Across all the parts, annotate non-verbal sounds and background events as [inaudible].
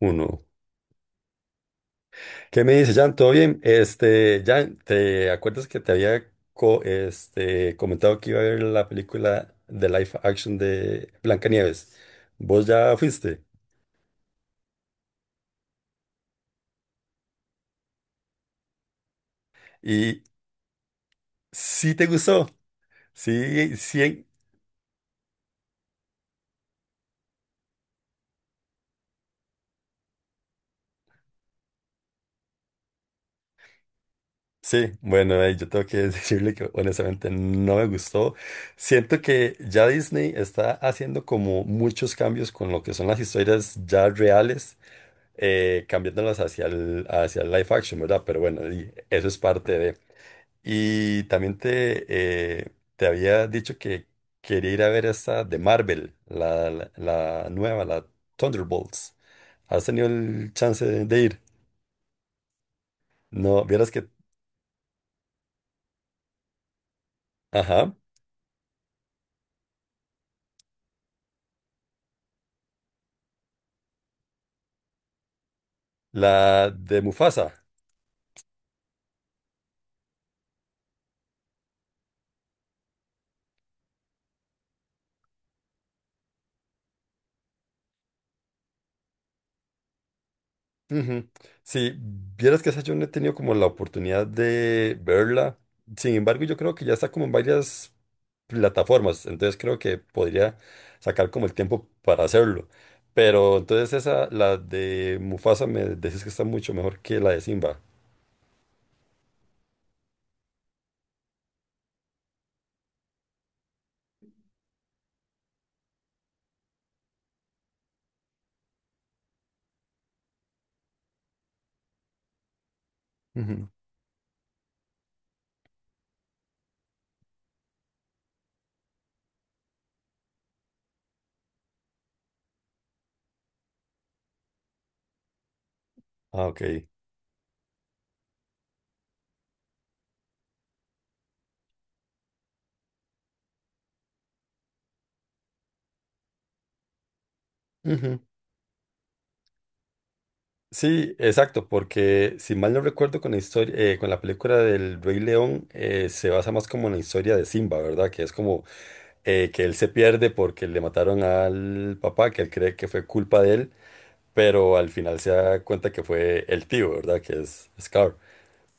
Uno. ¿Qué me dice, Jan? ¿Todo bien? Jan, ¿te acuerdas que te había comentado que iba a ver la película de live action de Blancanieves? ¿Vos ya fuiste? Y sí te gustó. Sí, sí. Sí, bueno, ahí yo tengo que [laughs] decirle que honestamente no me gustó. Siento que ya Disney está haciendo como muchos cambios con lo que son las historias ya reales, cambiándolas hacia hacia el live action, ¿verdad? Pero bueno, y eso es parte de... Y también te, eh, te había dicho que quería ir a ver esta de Marvel, la nueva, la Thunderbolts. ¿Has tenido el chance de ir? No, vieras que... Ajá, la de Mufasa. Ujú. Sí, vieras que esa yo no he tenido como la oportunidad de verla. Sin embargo, yo creo que ya está como en varias plataformas, entonces creo que podría sacar como el tiempo para hacerlo. Pero entonces esa, la de Mufasa, me decís que está mucho mejor que la de Simba. Ujú. Ah, ok. Ujú. Sí, exacto, porque si mal no recuerdo con la historia, con la película del Rey León, se basa más como en la historia de Simba, ¿verdad? Que es como que él se pierde porque le mataron al papá, que él cree que fue culpa de él, pero al final se da cuenta que fue el tío, ¿verdad? Que es Scar.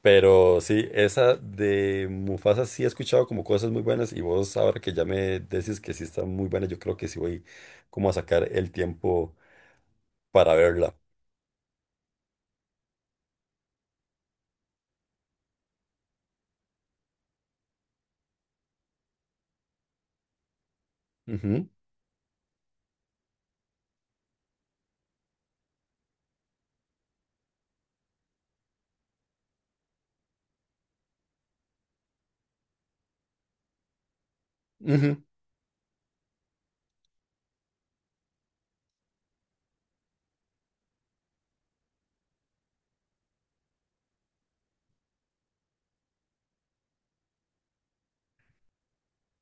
Pero sí, esa de Mufasa sí he escuchado como cosas muy buenas y vos ahora que ya me decís que sí está muy buena, yo creo que sí voy como a sacar el tiempo para verla. Ujú, ujú.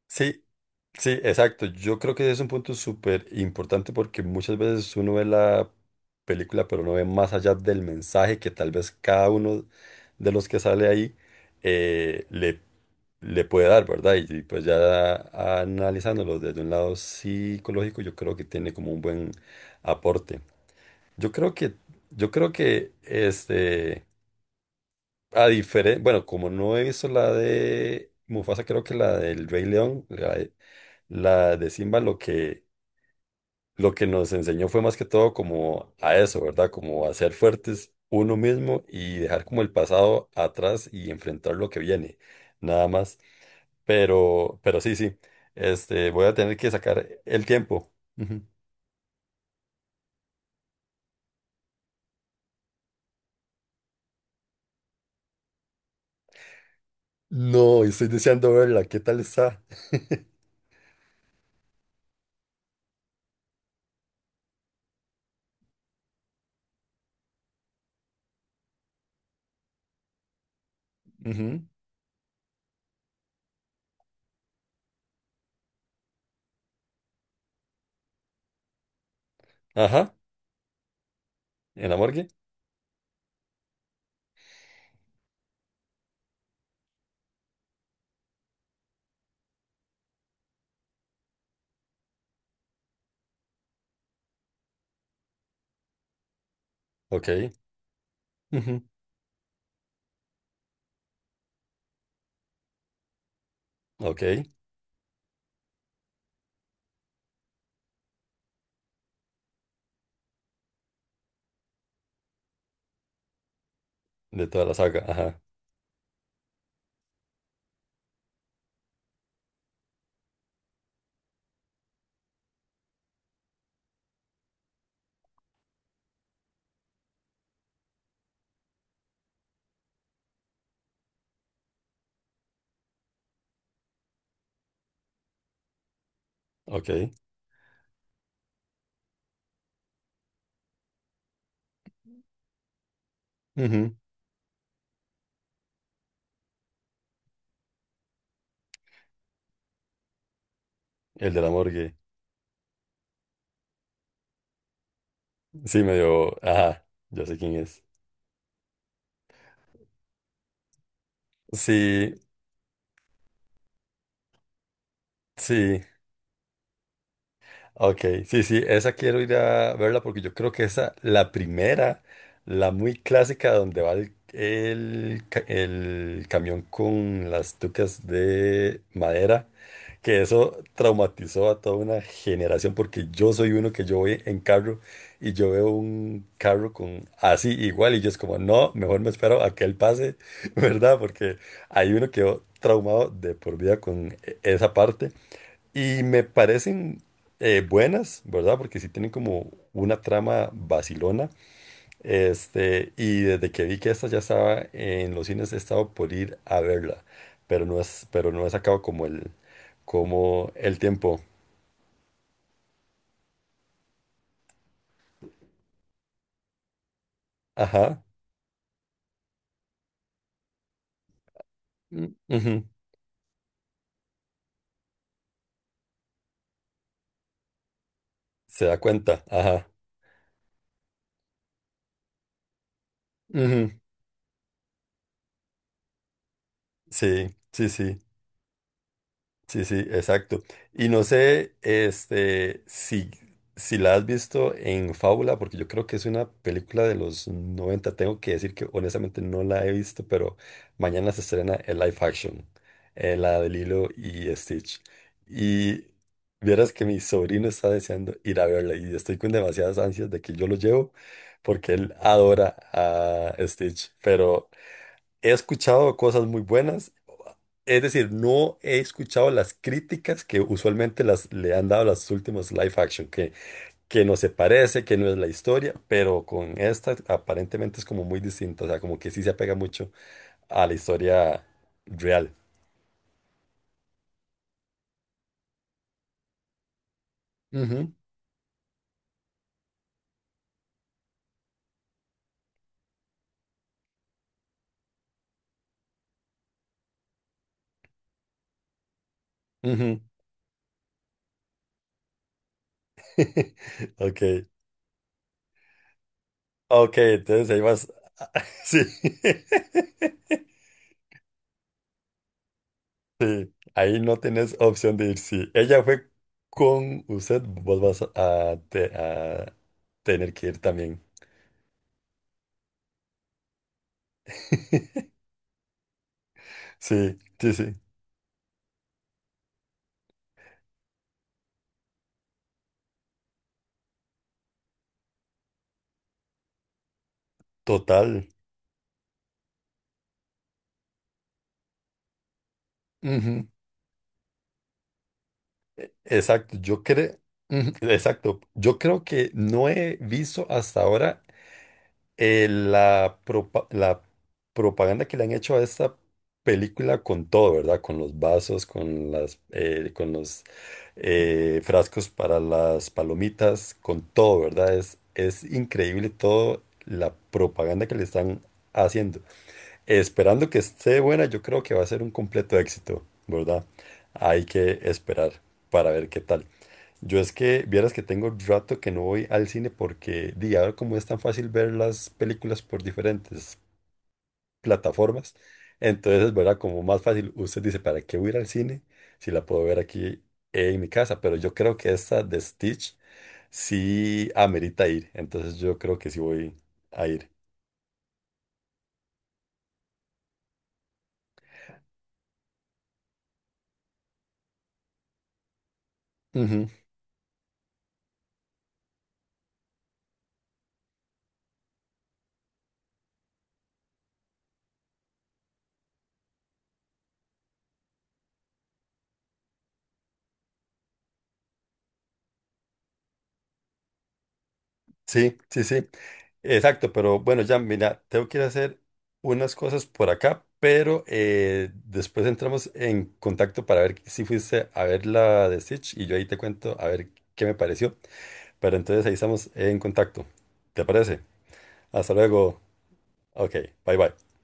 Sí, sí, exacto. Yo creo que es un punto súper importante porque muchas veces uno ve la película, pero no ve más allá del mensaje que tal vez cada uno de los que sale ahí eh, le, le puede dar, ¿verdad? Y pues ya analizándolo desde un lado psicológico, yo creo que tiene como un buen aporte. Yo creo que, yo creo que a diferencia, bueno, como no he visto la de Mufasa, creo que la del Rey León, la de Simba, lo que nos enseñó fue más que todo como a eso, ¿verdad? Como a ser fuertes uno mismo y dejar como el pasado atrás y enfrentar lo que viene, nada más. Pero sí, sí, voy a tener que sacar el tiempo. Ujú. No, estoy deseando verla, ¿qué tal está? [laughs] Ujú. Ajá, en la morgue. Ok. Ujú. Ok. De toda la saga. Ajá. Ok. Ujú. El de la morgue. Sí, medio. Ajá. Yo sé quién es. Sí, sí. Ok, sí, sí, esa quiero ir a verla porque yo creo que esa, la primera, la muy clásica donde va el camión con las tucas de madera, que eso traumatizó a toda una generación porque yo soy uno que yo voy en carro y yo veo un carro con así igual y yo es como, no, mejor me espero a que él pase, [laughs] ¿verdad? Porque hay uno quedó traumado de por vida con esa parte. Y me parecen buenas, ¿verdad? Porque sí tienen como una trama vacilona. Y desde que vi que esta ya estaba en los cines, he estado por ir a verla. Pero no he sacado como como el tiempo. Ajá. Ujú. Se da cuenta. Ajá. Ujú. Sí, sí, sí. Sí, sí, exacto. Y no sé, si la has visto en Fábula, porque yo creo que es una película de los 90. Tengo que decir que honestamente no la he visto, pero mañana se estrena el live action, la de Lilo y Stitch. Y vieras que mi sobrino está deseando ir a verla y estoy con demasiadas ansias de que yo lo llevo, porque él adora a Stitch, pero... He escuchado cosas muy buenas, es decir, no he escuchado las críticas que usualmente le han dado las últimas live action, que no se parece, que no es la historia, pero con esta aparentemente es como muy distinta, o sea, como que sí se apega mucho a la historia real. Ujú, ujú. [laughs] Ok, ok, entonces ahí vas. [laughs] Sí. [laughs] Sí, ahí no tenés opción de ir. Si ella fue con usted, vos vas a a tener que ir también. [laughs] Sí, sí, sí, total. Ujú, exacto, exacto, yo creo que no he visto hasta ahora la propaganda que le han hecho a esta película con todo, ¿verdad? Con los vasos, con los frascos para las palomitas, con todo, ¿verdad? Es increíble todo la propaganda que le están haciendo. Esperando que esté buena, yo creo que va a ser un completo éxito, ¿verdad? Hay que esperar para ver qué tal. Yo es que vieras que tengo rato que no voy al cine porque, di, ahora como es tan fácil ver las películas por diferentes plataformas, entonces, ¿verdad? Como más fácil, usted dice, ¿para qué voy a ir al cine si la puedo ver aquí en mi casa? Pero yo creo que esta de Stitch sí amerita ir, entonces yo creo que sí voy a ir. Sí, sí, sí. Exacto, pero bueno, ya mira, tengo que ir a hacer unas cosas por acá, pero después entramos en contacto para ver si fuiste a ver la de Stitch y yo ahí te cuento a ver qué me pareció. Pero entonces ahí estamos en contacto. ¿Te parece? Hasta luego. Ok, bye bye.